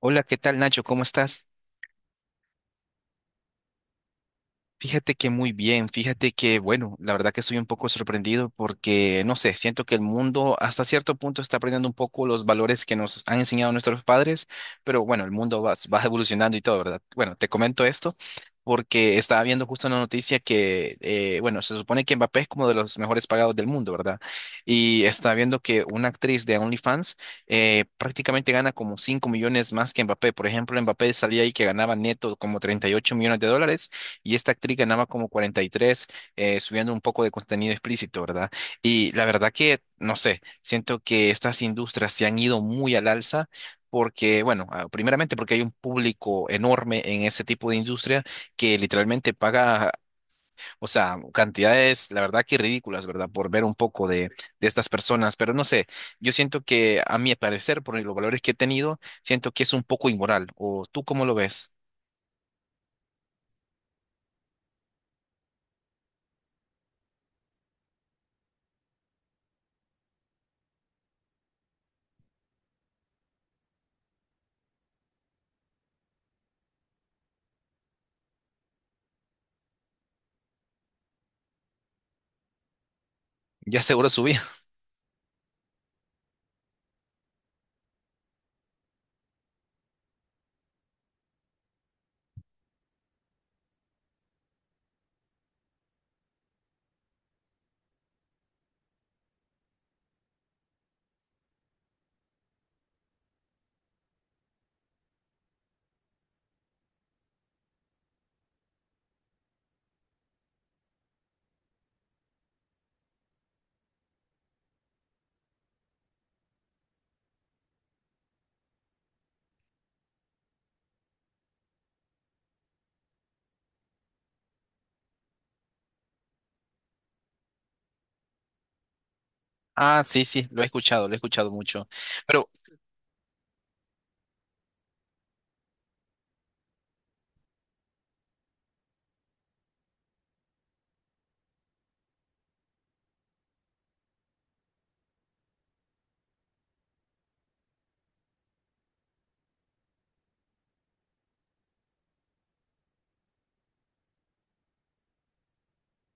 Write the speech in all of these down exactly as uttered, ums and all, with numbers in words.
Hola, ¿qué tal, Nacho? ¿Cómo estás? Fíjate que muy bien, fíjate que, bueno, la verdad que estoy un poco sorprendido porque, no sé, siento que el mundo hasta cierto punto está aprendiendo un poco los valores que nos han enseñado nuestros padres, pero bueno, el mundo va, va evolucionando y todo, ¿verdad? Bueno, te comento esto porque estaba viendo justo una noticia que, eh, bueno, se supone que Mbappé es como de los mejores pagados del mundo, ¿verdad? Y estaba viendo que una actriz de OnlyFans eh, prácticamente gana como cinco millones más que Mbappé. Por ejemplo, Mbappé salía ahí que ganaba neto como treinta y ocho millones de dólares y esta actriz ganaba como cuarenta y tres, eh, subiendo un poco de contenido explícito, ¿verdad? Y la verdad que, no sé, siento que estas industrias se han ido muy al alza porque, bueno, ah, primeramente porque hay un público enorme en ese tipo de industria que literalmente paga, o sea, cantidades, la verdad que ridículas, ¿verdad? Por ver un poco de, de estas personas. Pero no sé, yo siento que, a mi parecer, por los valores que he tenido, siento que es un poco inmoral. ¿O tú cómo lo ves? Ya seguro subiste. Ah, sí, sí, lo he escuchado, lo he escuchado mucho. Pero,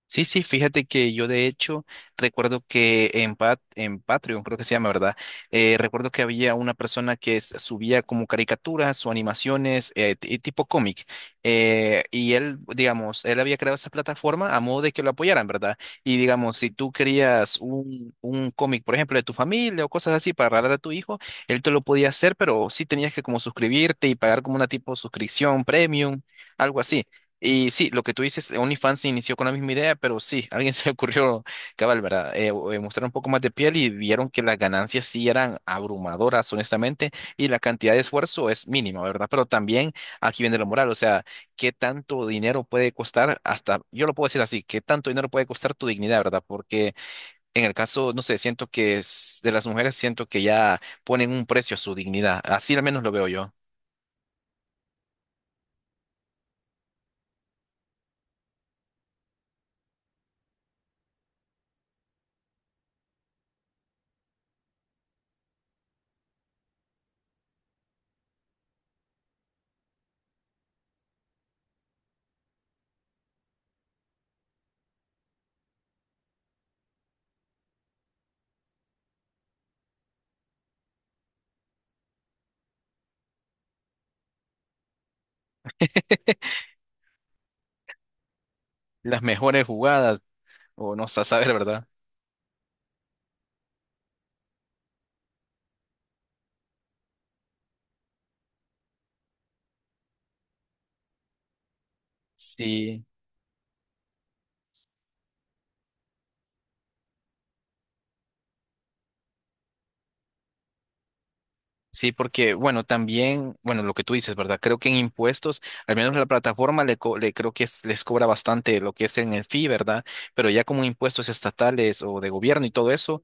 sí, sí, fíjate que yo de hecho recuerdo que en, Pat- en Patreon, creo que se llama, ¿verdad? Eh, recuerdo que había una persona que s- subía como caricaturas o animaciones eh, t- tipo cómic. Eh, y él, digamos, él había creado esa plataforma a modo de que lo apoyaran, ¿verdad? Y digamos, si tú querías un, un cómic, por ejemplo, de tu familia o cosas así para regalar a tu hijo, él te lo podía hacer, pero sí tenías que como suscribirte y pagar como una tipo suscripción premium, algo así. Y sí, lo que tú dices, eh, OnlyFans se inició con la misma idea, pero sí, a alguien se le ocurrió, cabal, ¿verdad? Eh, o- eh, mostrar un poco más de piel y vieron que las ganancias sí eran abrumadoras, honestamente, y la cantidad de esfuerzo es mínima, ¿verdad? Pero también aquí viene la moral, o sea, ¿qué tanto dinero puede costar hasta, yo lo puedo decir así, qué tanto dinero puede costar tu dignidad, ¿verdad? Porque en el caso, no sé, siento que es de las mujeres, siento que ya ponen un precio a su dignidad, así al menos lo veo yo. Las mejores jugadas, o no sé, a saber, ¿verdad? Sí, sí, porque, bueno, también, bueno, lo que tú dices, ¿verdad? Creo que en impuestos, al menos la plataforma le, co- le creo que es- les cobra bastante lo que es en el fee, ¿verdad? Pero ya como impuestos estatales o de gobierno y todo eso,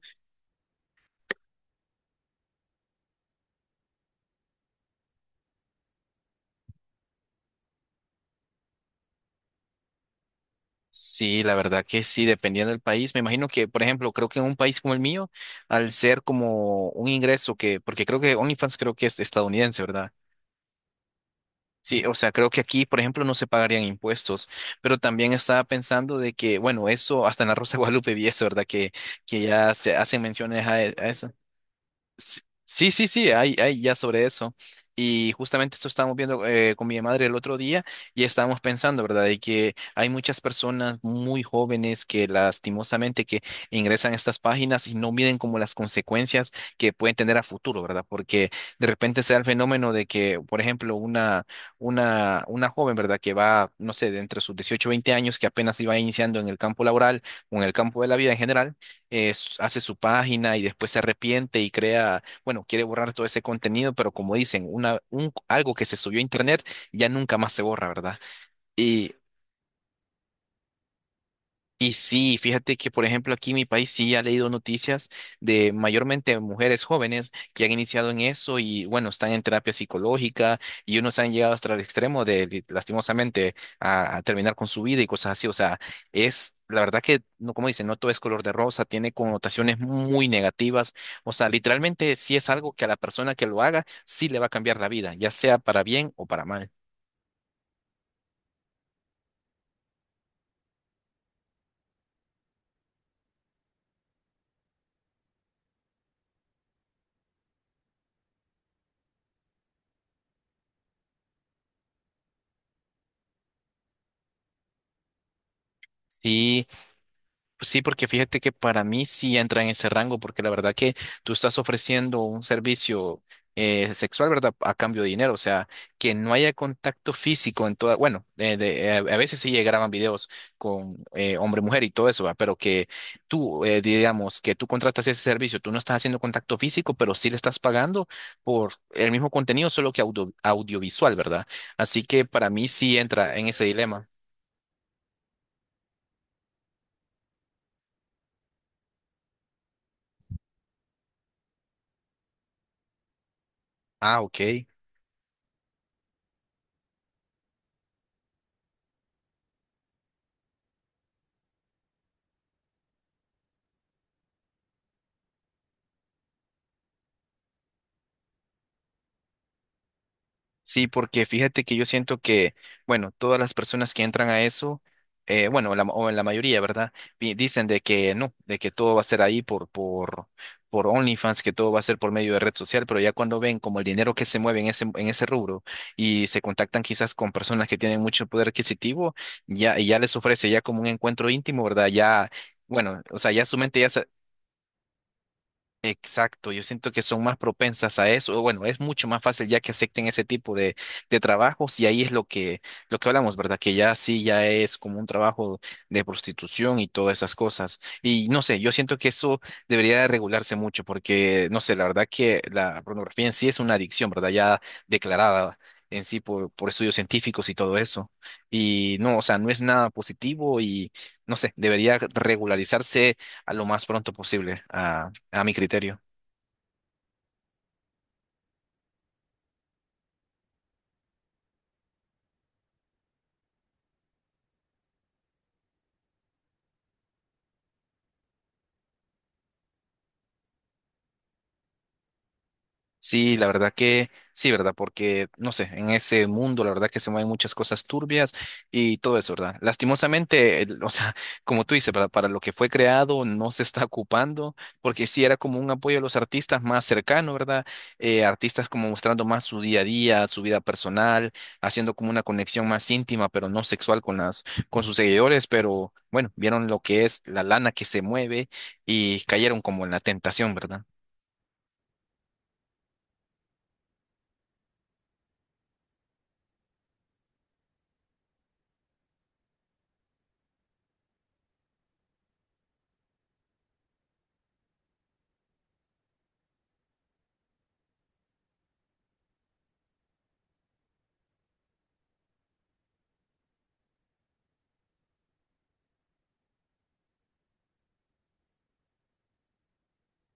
sí, la verdad que sí, dependiendo del país. Me imagino que, por ejemplo, creo que en un país como el mío, al ser como un ingreso que, porque creo que OnlyFans creo que es estadounidense, ¿verdad? Sí, o sea, creo que aquí, por ejemplo, no se pagarían impuestos, pero también estaba pensando de que, bueno, eso hasta en la Rosa de Guadalupe vi eso, ¿verdad? Que, que ya se hacen menciones a, e- a eso. Sí, sí, sí, sí, hay, hay ya sobre eso. Y justamente eso estábamos viendo eh, con mi madre el otro día y estábamos pensando, ¿verdad? De que hay muchas personas muy jóvenes que lastimosamente que ingresan a estas páginas y no miden como las consecuencias que pueden tener a futuro, ¿verdad? Porque de repente se da el fenómeno de que, por ejemplo, una, una, una joven, ¿verdad? Que va, no sé, de entre sus dieciocho o veinte años, que apenas iba iniciando en el campo laboral o en el campo de la vida en general es- hace su página y después se arrepiente y crea, bueno, quiere borrar todo ese contenido, pero como dicen, una, un, algo que se subió a internet ya nunca más se borra, ¿verdad? Y sí, fíjate que, por ejemplo, aquí en mi país sí ha leído noticias de mayormente mujeres jóvenes que han iniciado en eso y, bueno, están en terapia psicológica y unos han llegado hasta el extremo de, de- lastimosamente, a, a terminar con su vida y cosas así. O sea, es la verdad que, no, como dicen, no todo es color de rosa, tiene connotaciones muy negativas. O sea, literalmente sí es algo que a la persona que lo haga sí le va a cambiar la vida, ya sea para bien o para mal. Sí. Sí, porque fíjate que para mí sí entra en ese rango, porque la verdad que tú estás ofreciendo un servicio eh, sexual, ¿verdad? A cambio de dinero, o sea, que no haya contacto físico en toda, bueno, eh, de- eh, a veces sí llegaban videos con eh, hombre-mujer y todo eso, ¿va? Pero que tú, eh, digamos, que tú contratas ese servicio, tú no estás haciendo contacto físico, pero sí le estás pagando por el mismo contenido, solo que audio- audiovisual, ¿verdad? Así que para mí sí entra en ese dilema. Ah, ok. Sí, porque fíjate que yo siento que, bueno, todas las personas que entran a eso, eh, bueno, la, o la mayoría, ¿verdad? Pi- Dicen de que no, de que todo va a ser ahí por, por, por OnlyFans, que todo va a ser por medio de red social, pero ya cuando ven como el dinero que se mueve en ese, en ese rubro y se contactan quizás con personas que tienen mucho poder adquisitivo, ya, y ya les ofrece ya como un encuentro íntimo, ¿verdad? Ya, bueno, o sea, ya su mente ya, exacto, yo siento que son más propensas a eso. O bueno, es mucho más fácil ya que acepten ese tipo de, de trabajos y ahí es lo que, lo que hablamos, ¿verdad? Que ya sí, ya es como un trabajo de prostitución y todas esas cosas. Y no sé, yo siento que eso debería de regularse mucho porque, no sé, la verdad que la pornografía en sí es una adicción, ¿verdad? Ya declarada en sí por, por estudios científicos y todo eso. Y no, o sea, no es nada positivo y, no sé, debería regularizarse a lo más pronto posible a mi criterio. Sí, la verdad que sí, ¿verdad? Porque, no sé, en ese mundo, la verdad que se mueven muchas cosas turbias y todo eso, ¿verdad? Lastimosamente, el- o sea, como tú dices, ¿verdad? Para lo que fue creado no se está ocupando, porque sí era como un apoyo a los artistas más cercano, ¿verdad? Eh, artistas como mostrando más su día a día, su vida personal, haciendo como una conexión más íntima, pero no sexual con las, con sus seguidores, pero bueno, vieron lo que es la lana que se mueve y cayeron como en la tentación, ¿verdad?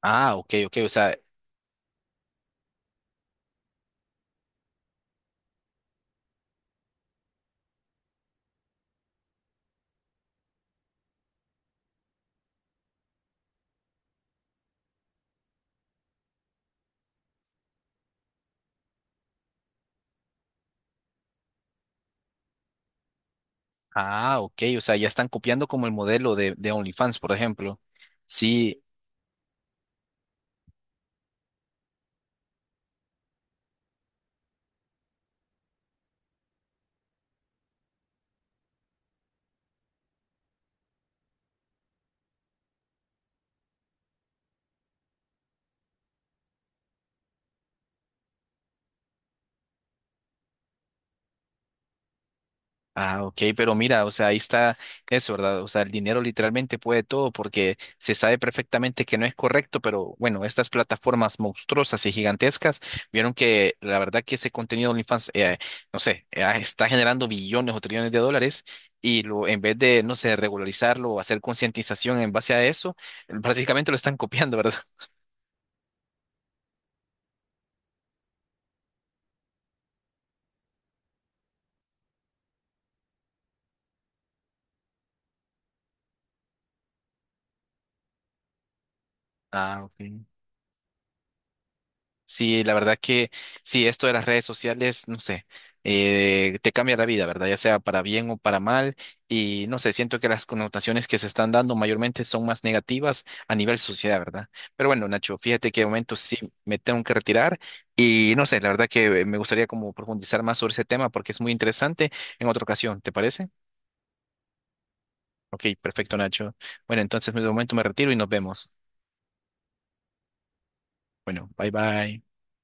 Ah, ok, ok, o sea, ah, ok, o sea, ya están copiando como el modelo de, de OnlyFans, por ejemplo. Sí, ah, ok, pero mira, o sea, ahí está eso, ¿verdad? O sea, el dinero literalmente puede todo porque se sabe perfectamente que no es correcto, pero bueno, estas plataformas monstruosas y gigantescas vieron que la verdad que ese contenido de OnlyFans, eh, no sé, eh, ah, está generando billones o trillones de dólares. Y lo, en vez de, no sé, regularizarlo o hacer concientización en base a eso, prácticamente lo están copiando, ¿verdad? Ah, ok. Sí, la verdad que sí, esto de las redes sociales, no sé, eh, te cambia la vida, ¿verdad? Ya sea para bien o para mal. Y no sé, siento que las connotaciones que se están dando mayormente son más negativas a nivel sociedad, ¿verdad? Pero bueno, Nacho, fíjate que de momento sí me tengo que retirar y no sé, la verdad que me gustaría como profundizar más sobre ese tema porque es muy interesante en otra ocasión, ¿te parece? Ok, perfecto, Nacho. Bueno, entonces de momento me retiro y nos vemos. Bueno, bye bye.